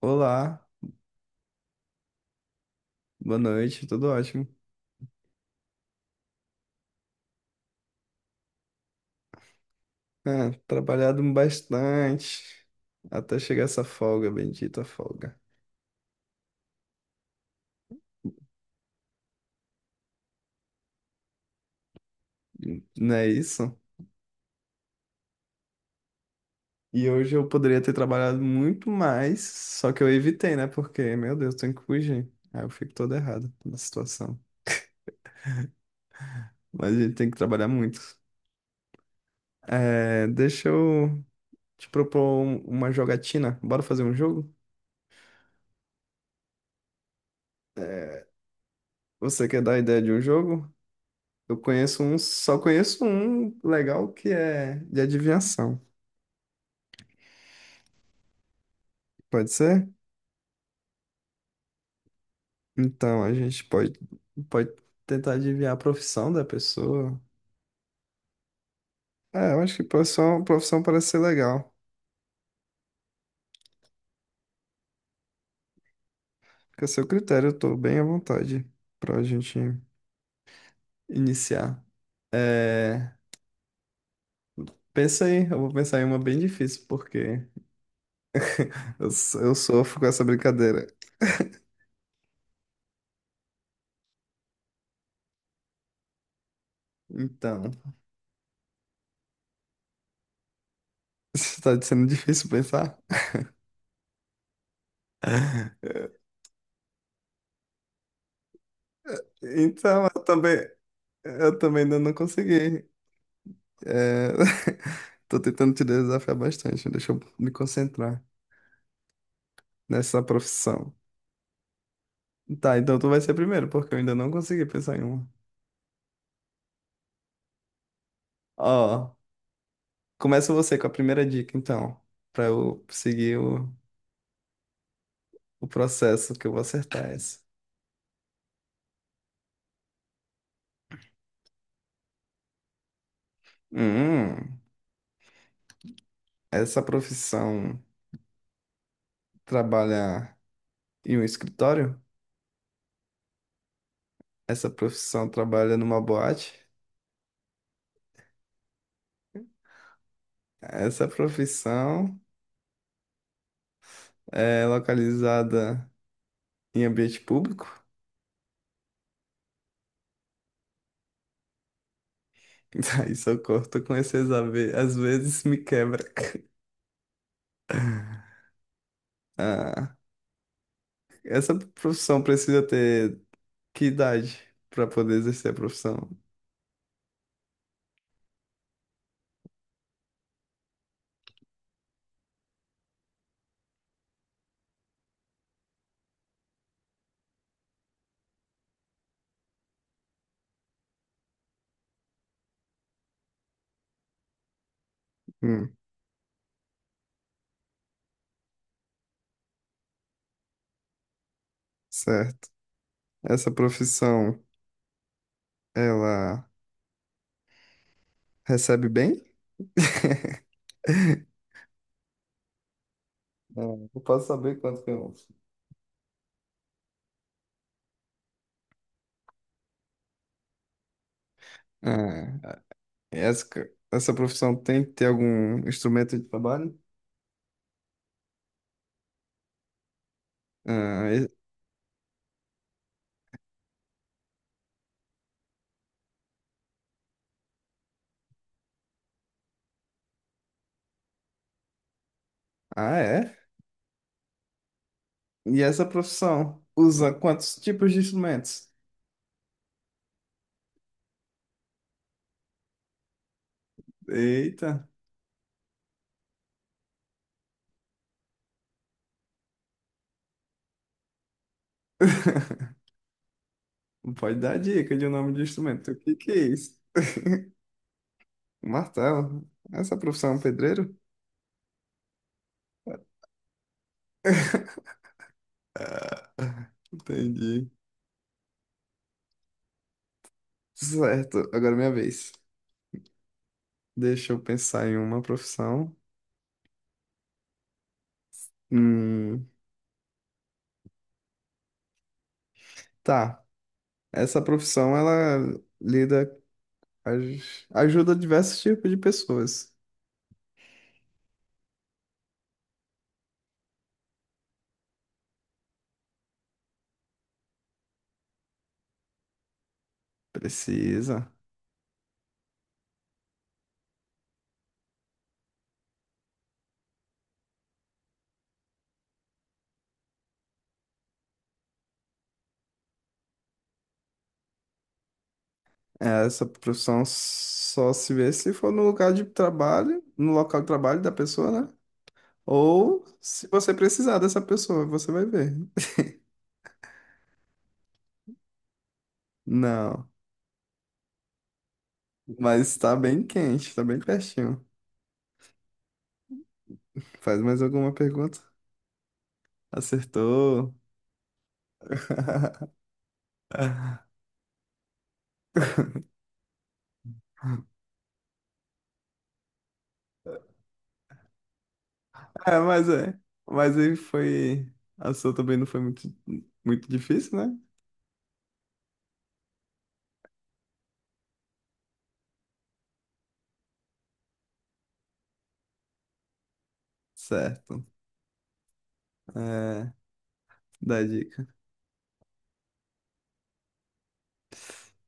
Olá, boa noite, tudo ótimo. Ah, trabalhado bastante até chegar essa folga, bendita folga. Não é isso? E hoje eu poderia ter trabalhado muito mais, só que eu evitei, né? Porque, meu Deus, tenho que fugir. Aí eu fico todo errado na situação. Mas a gente tem que trabalhar muito. É, deixa eu te propor uma jogatina. Bora fazer um jogo? Você quer dar a ideia de um jogo? Eu conheço um, só conheço um legal que é de adivinhação. Pode ser? Então, a gente pode tentar adivinhar a profissão da pessoa. É, eu acho que profissão parece ser legal. Fica a seu critério, eu tô bem à vontade pra gente iniciar. É, pensa aí, eu vou pensar em uma bem difícil, porque eu sofro com essa brincadeira. Então, está sendo difícil pensar? Então, eu também ainda não consegui. É, tô tentando te desafiar bastante, deixa eu me concentrar. Nessa profissão? Tá, então tu vai ser primeiro, porque eu ainda não consegui pensar em uma. Ó, começa você com a primeira dica, então, pra eu seguir o processo que eu vou acertar essa. Hum, essa profissão trabalha em um escritório? Essa profissão trabalha numa boate? Essa profissão é localizada em ambiente público? Aí, socorro, tô com às vezes me quebra. Ah, essa profissão precisa ter que idade para poder exercer a profissão? Hum, certo. Essa profissão, ela recebe bem? Não, não posso saber quanto que eu... Ah, essa, essa profissão tem que ter algum instrumento de trabalho? Ah, ah, é? E essa profissão usa quantos tipos de instrumentos? Eita, não pode dar dica de um nome de instrumento. O que que é isso? Um martelo. Essa profissão é um pedreiro? Entendi. Certo, agora é minha vez. Deixa eu pensar em uma profissão. Hum, tá. Essa profissão, ajuda diversos tipos de pessoas. Precisa. É, essa profissão só se vê se for no lugar de trabalho, no local de trabalho da pessoa, né? Ou se você precisar dessa pessoa, você vai ver. Não, mas tá bem quente, tá bem pertinho. Faz mais alguma pergunta? Acertou. É. Mas aí foi. A sua também não foi muito difícil, né? Certo. É, dá dica.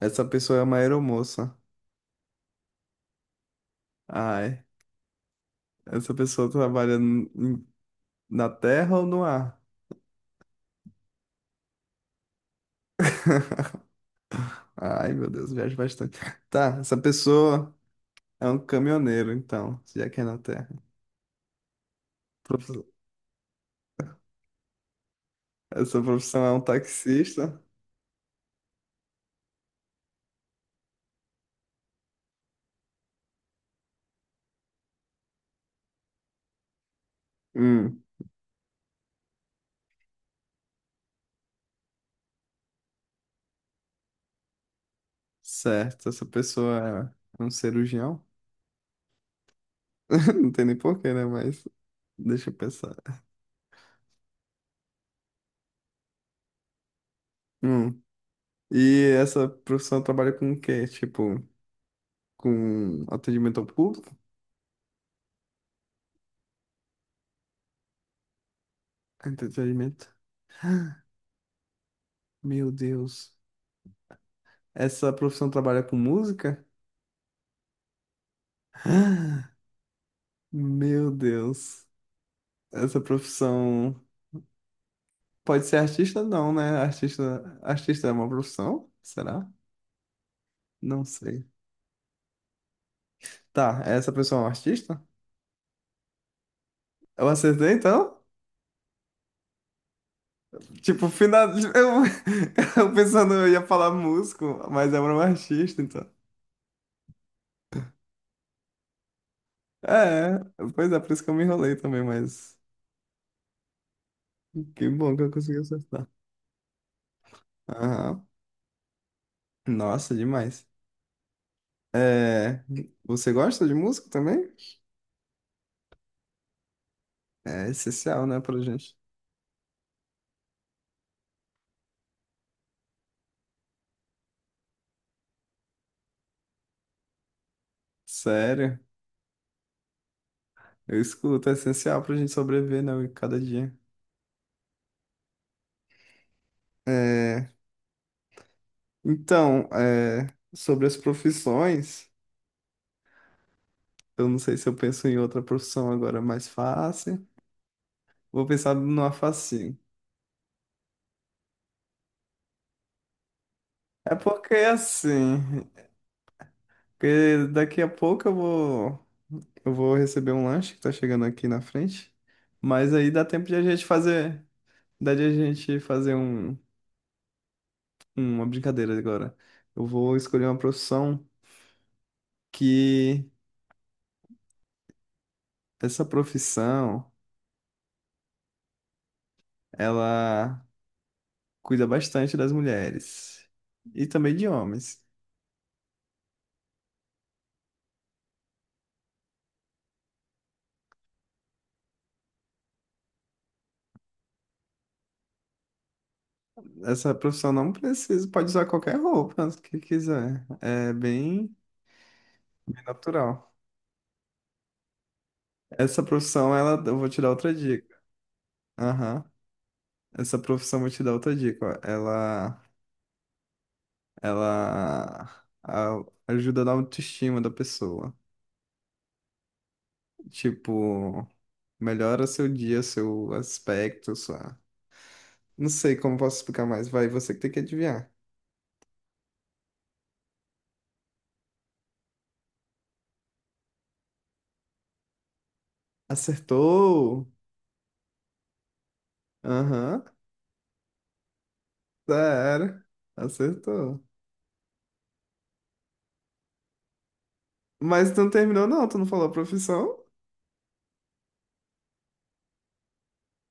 Essa pessoa é uma aeromoça. Ai. Essa pessoa trabalha na terra ou no ar? Ai, meu Deus, viajo bastante. Tá, essa pessoa é um caminhoneiro, então, já que é na terra. Profi- Essa profissão é um taxista. Hum, certo. Essa pessoa é um cirurgião. Não tem nem porquê, né? Mas deixa eu pensar. Hum. E essa profissão trabalha com o quê? Tipo, com atendimento ao público? Entretenimento? Meu Deus. Essa profissão trabalha com música? Meu Deus. Essa profissão pode ser artista? Não, né? Artista é uma profissão? Será? Não sei. Tá, essa pessoa é um artista? Eu acertei então? Tipo, final... eu, eu pensando eu ia falar músico, mas é um artista, então. É, pois é, por isso que eu me enrolei também, mas que bom que eu consegui acertar. Aham. Nossa, demais. É, você gosta de música também? É essencial, né, pra gente. Sério, eu escuto, é essencial pra gente sobreviver, né, cada dia. É, então, é, sobre as profissões, eu não sei se eu penso em outra profissão agora mais fácil. Vou pensar numa facinho. É porque assim, porque daqui a pouco eu vou. Eu vou receber um lanche que tá chegando aqui na frente. Mas aí dá tempo de a gente fazer. Dá de a gente fazer uma brincadeira agora. Eu vou escolher uma profissão que essa profissão ela cuida bastante das mulheres e também de homens. Essa profissão não precisa, pode usar qualquer roupa que quiser. É bem, bem natural. Essa profissão, ela, eu vou te dar outra dica. Aham. Essa profissão, vou te dar outra dica. Ó. Ela ajuda na autoestima da pessoa. Tipo, melhora seu dia, seu aspecto, sua. Não sei como posso explicar mais. Vai, você que tem que adivinhar. Acertou! Aham, já era. Acertou. Mas tu não terminou, não. Tu não falou a profissão?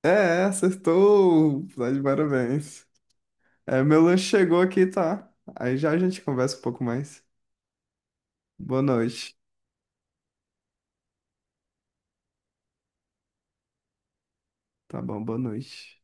É, acertou! Tá de parabéns. É, meu lanche chegou aqui, tá? Aí já a gente conversa um pouco mais. Boa noite. Tá bom, boa noite.